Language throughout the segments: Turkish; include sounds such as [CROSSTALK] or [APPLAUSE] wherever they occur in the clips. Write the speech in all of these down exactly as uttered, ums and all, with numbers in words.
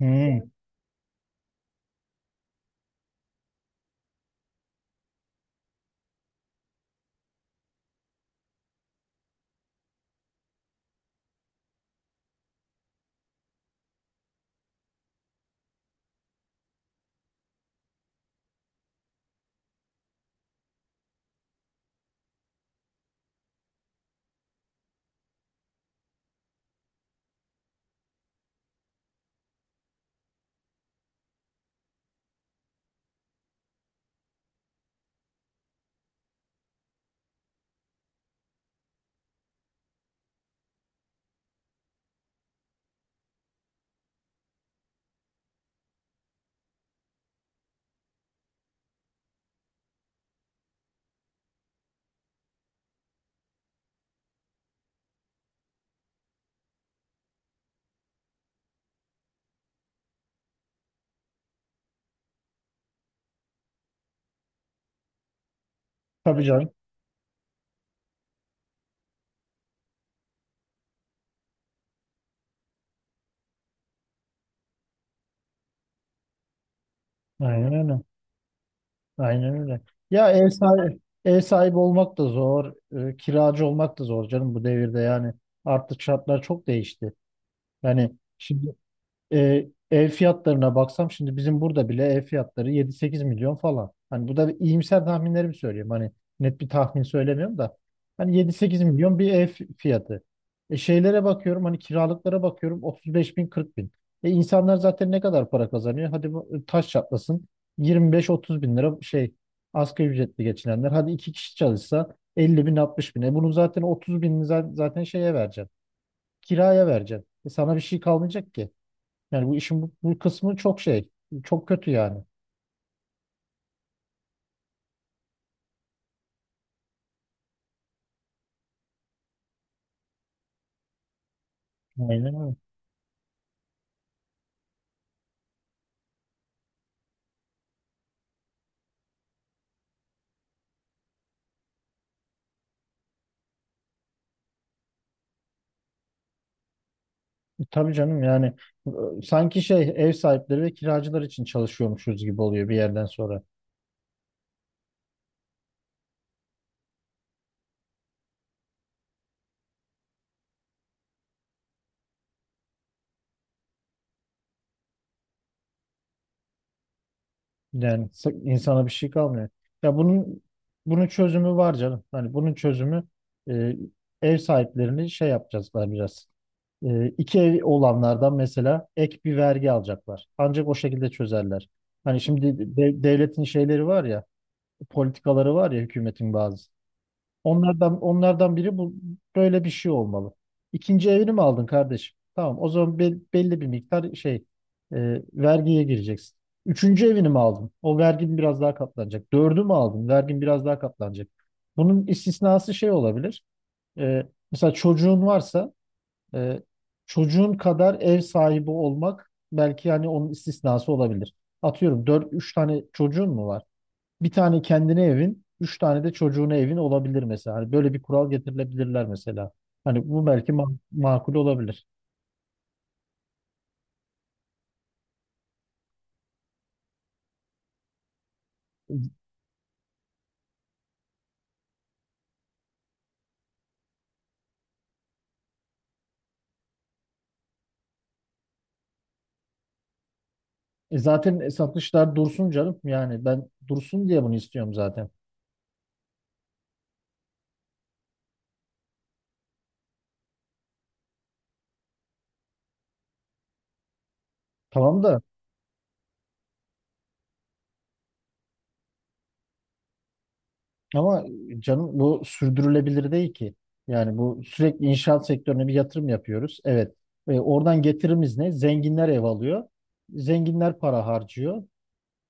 Hmm. Tabii canım. Aynen öyle. Aynen öyle. Ya ev sahibi, ev sahibi olmak da zor, e, kiracı olmak da zor canım bu devirde yani. Artık şartlar çok değişti. Yani şimdi e, ev fiyatlarına baksam şimdi bizim burada bile ev fiyatları yedi sekiz milyon falan. Hani bu da bir iyimser tahminlerimi söylüyorum. Hani net bir tahmin söylemiyorum da. Hani yedi sekiz milyon bir ev fiyatı. E şeylere bakıyorum hani kiralıklara bakıyorum otuz beş bin kırk bin. E insanlar zaten ne kadar para kazanıyor? Hadi bu e, taş çatlasın, yirmi beş otuz bin lira, şey, asgari ücretli geçinenler. Hadi iki kişi çalışsa elli bin altmış bin. E bunun zaten otuz binini za- zaten şeye vereceksin. Kiraya vereceksin. E sana bir şey kalmayacak ki. Yani bu işin bu, bu kısmı çok şey, çok kötü yani. Aynen öyle. Tabii canım yani e, sanki şey ev sahipleri ve kiracılar için çalışıyormuşuz gibi oluyor bir yerden sonra. Yani s- insana bir şey kalmıyor. Ya bunun bunun çözümü var canım. Hani bunun çözümü e, ev sahiplerini şey yapacaklar biraz. E, iki ev olanlardan mesela ek bir vergi alacaklar. Ancak o şekilde çözerler. Hani şimdi de- devletin şeyleri var ya, politikaları var ya hükümetin bazı. Onlardan onlardan biri bu böyle bir şey olmalı. İkinci evini mi aldın kardeşim? Tamam, o zaman bel- belli bir miktar şey e, vergiye gireceksin. Üçüncü evini mi aldın? O vergin biraz daha katlanacak. Dördü mü aldın? Vergin biraz daha katlanacak. Bunun istisnası şey olabilir. E, mesela çocuğun varsa e, çocuğun kadar ev sahibi olmak belki yani onun istisnası olabilir. Atıyorum dört, üç tane çocuğun mu var? Bir tane kendine evin, üç tane de çocuğuna evin olabilir mesela. Hani böyle bir kural getirilebilirler mesela. Hani bu belki ma- makul olabilir. E zaten satışlar dursun canım. Yani ben dursun diye bunu istiyorum zaten. Tamam da, ama canım bu sürdürülebilir değil ki. Yani bu sürekli inşaat sektörüne bir yatırım yapıyoruz. Evet. E, oradan getirimiz ne? Zenginler ev alıyor. Zenginler para harcıyor.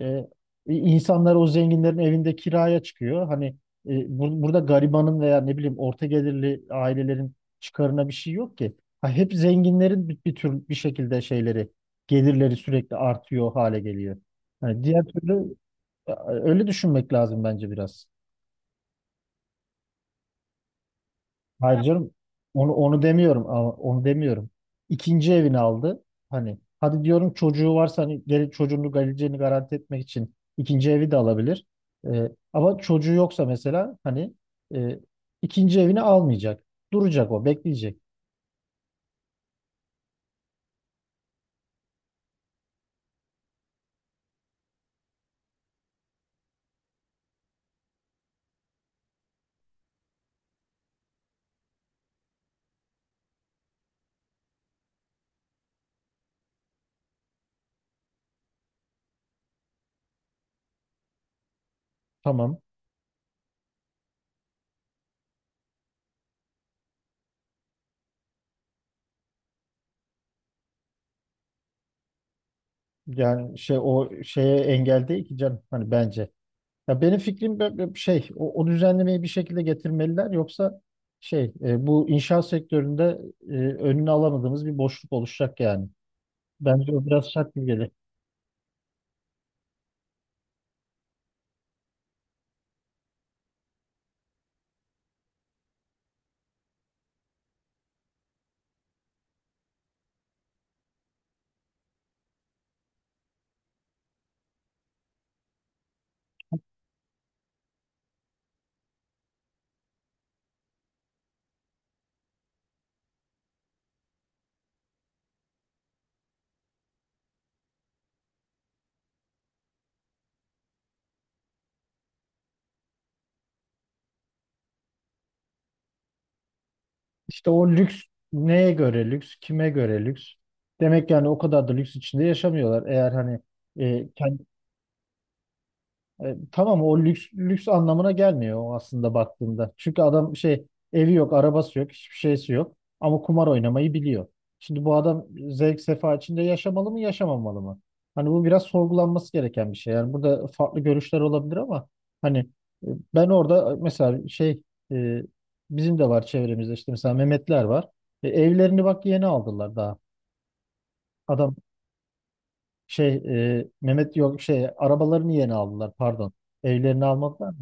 E, insanlar o zenginlerin evinde kiraya çıkıyor. Hani e, bur- burada garibanın veya ne bileyim orta gelirli ailelerin çıkarına bir şey yok ki. Ha, hep zenginlerin bir, bir tür bir şekilde şeyleri gelirleri sürekli artıyor hale geliyor. Hani diğer türlü e, öyle düşünmek lazım bence biraz. Hayır canım, onu, onu demiyorum, ama onu demiyorum. İkinci evini aldı. Hani hadi diyorum, çocuğu varsa hani gel, çocuğunu, geleceğini garanti etmek için ikinci evi de alabilir. Ee, ama çocuğu yoksa mesela hani e, ikinci evini almayacak. Duracak, o bekleyecek. Tamam. Yani şey, o şeye engel değil ki canım hani, bence. Ya benim fikrim bö- bö- şey, o, o düzenlemeyi bir şekilde getirmeliler, yoksa şey e, bu inşaat sektöründe e, önünü alamadığımız bir boşluk oluşacak yani. Bence o biraz şaşırtıcı. İşte o lüks, neye göre lüks, kime göre lüks? Demek yani o kadar da lüks içinde yaşamıyorlar. Eğer hani. E, kend- E, tamam o lüks lüks anlamına gelmiyor, o aslında baktığında. Çünkü adam şey, evi yok, arabası yok, hiçbir şeysi yok ama kumar oynamayı biliyor. Şimdi bu adam zevk sefa içinde yaşamalı mı, yaşamamalı mı? Hani bu biraz sorgulanması gereken bir şey. Yani burada farklı görüşler olabilir ama hani e, ben orada e, mesela şey e, bizim de var çevremizde, işte mesela Mehmetler var. E, evlerini bak yeni aldılar daha. Adam şey, e, Mehmet yok, şey, arabalarını yeni aldılar, pardon. Evlerini almadılar.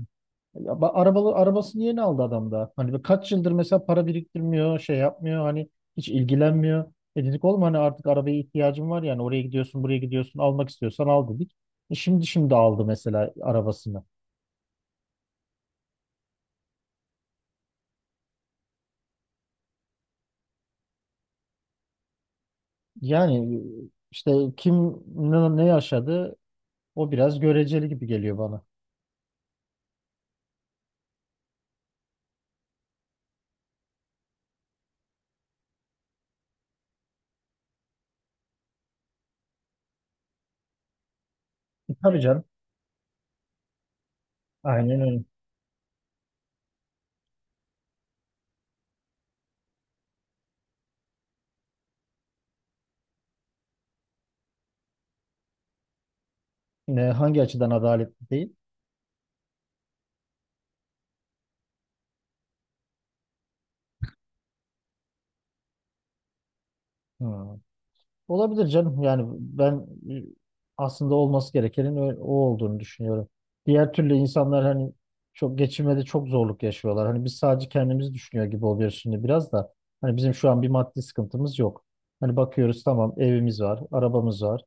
Ya ba- Arabalı, arabasını yeni aldı adam da. Hani ve kaç yıldır mesela para biriktirmiyor, şey yapmıyor hani, hiç ilgilenmiyor. E dedik oğlum, hani artık arabaya ihtiyacım var, yani oraya gidiyorsun buraya gidiyorsun, almak istiyorsan al dedik. E şimdi şimdi aldı mesela arabasını. Yani işte kim ne, ne yaşadı, o biraz göreceli gibi geliyor bana. E, tabii canım. Aynen öyle. Ne, hangi açıdan adaletli değil? Hı. Olabilir canım. Yani ben e, aslında olması gerekenin ö- o olduğunu düşünüyorum. Diğer türlü insanlar hani çok geçinmede, çok zorluk yaşıyorlar. Hani biz sadece kendimizi düşünüyor gibi oluyoruz şimdi biraz da. Hani bizim şu an bir maddi sıkıntımız yok. Hani bakıyoruz, tamam evimiz var, arabamız var.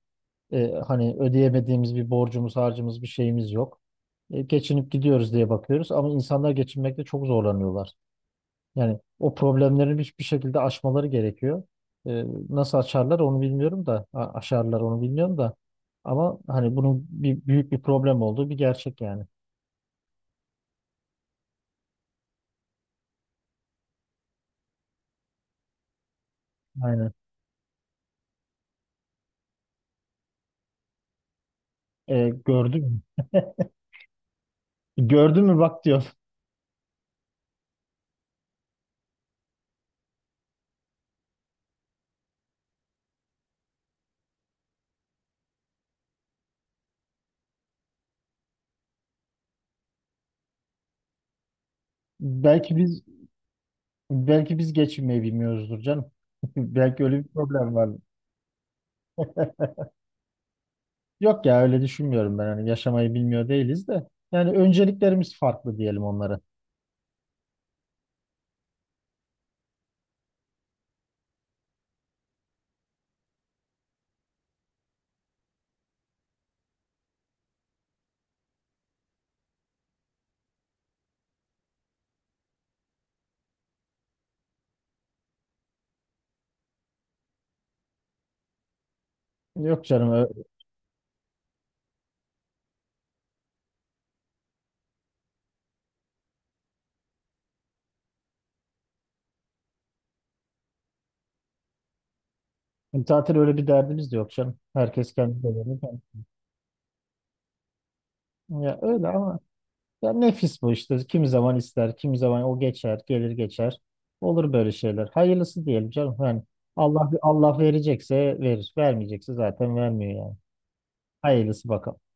E, hani ödeyemediğimiz bir borcumuz, harcımız, bir şeyimiz yok. E, geçinip gidiyoruz diye bakıyoruz ama insanlar geçinmekte çok zorlanıyorlar. Yani o problemlerin hiçbir şekilde aşmaları gerekiyor. Ee, nasıl açarlar onu bilmiyorum da, a- aşarlar onu bilmiyorum da, ama hani bunun bir büyük bir problem olduğu bir gerçek yani. Aynen. Ee, gördün mü? Gördün mü bak, diyor. Belki biz belki biz geçinmeyi bilmiyoruzdur canım. [LAUGHS] Belki öyle bir problem var. Yok ya, öyle düşünmüyorum ben. Hani yaşamayı bilmiyor değiliz de. Yani önceliklerimiz farklı diyelim onlara. Yok canım. ö- Zaten öyle bir derdimiz de yok canım. Herkes kendi derdi. Ya öyle, ama. Ya nefis bu işte. Kimi zaman ister, kimi zaman o geçer, gelir geçer. Olur böyle şeyler. Hayırlısı diyelim canım. Yani Allah Allah, verecekse verir, vermeyecekse zaten vermiyor yani. Hayırlısı bakalım.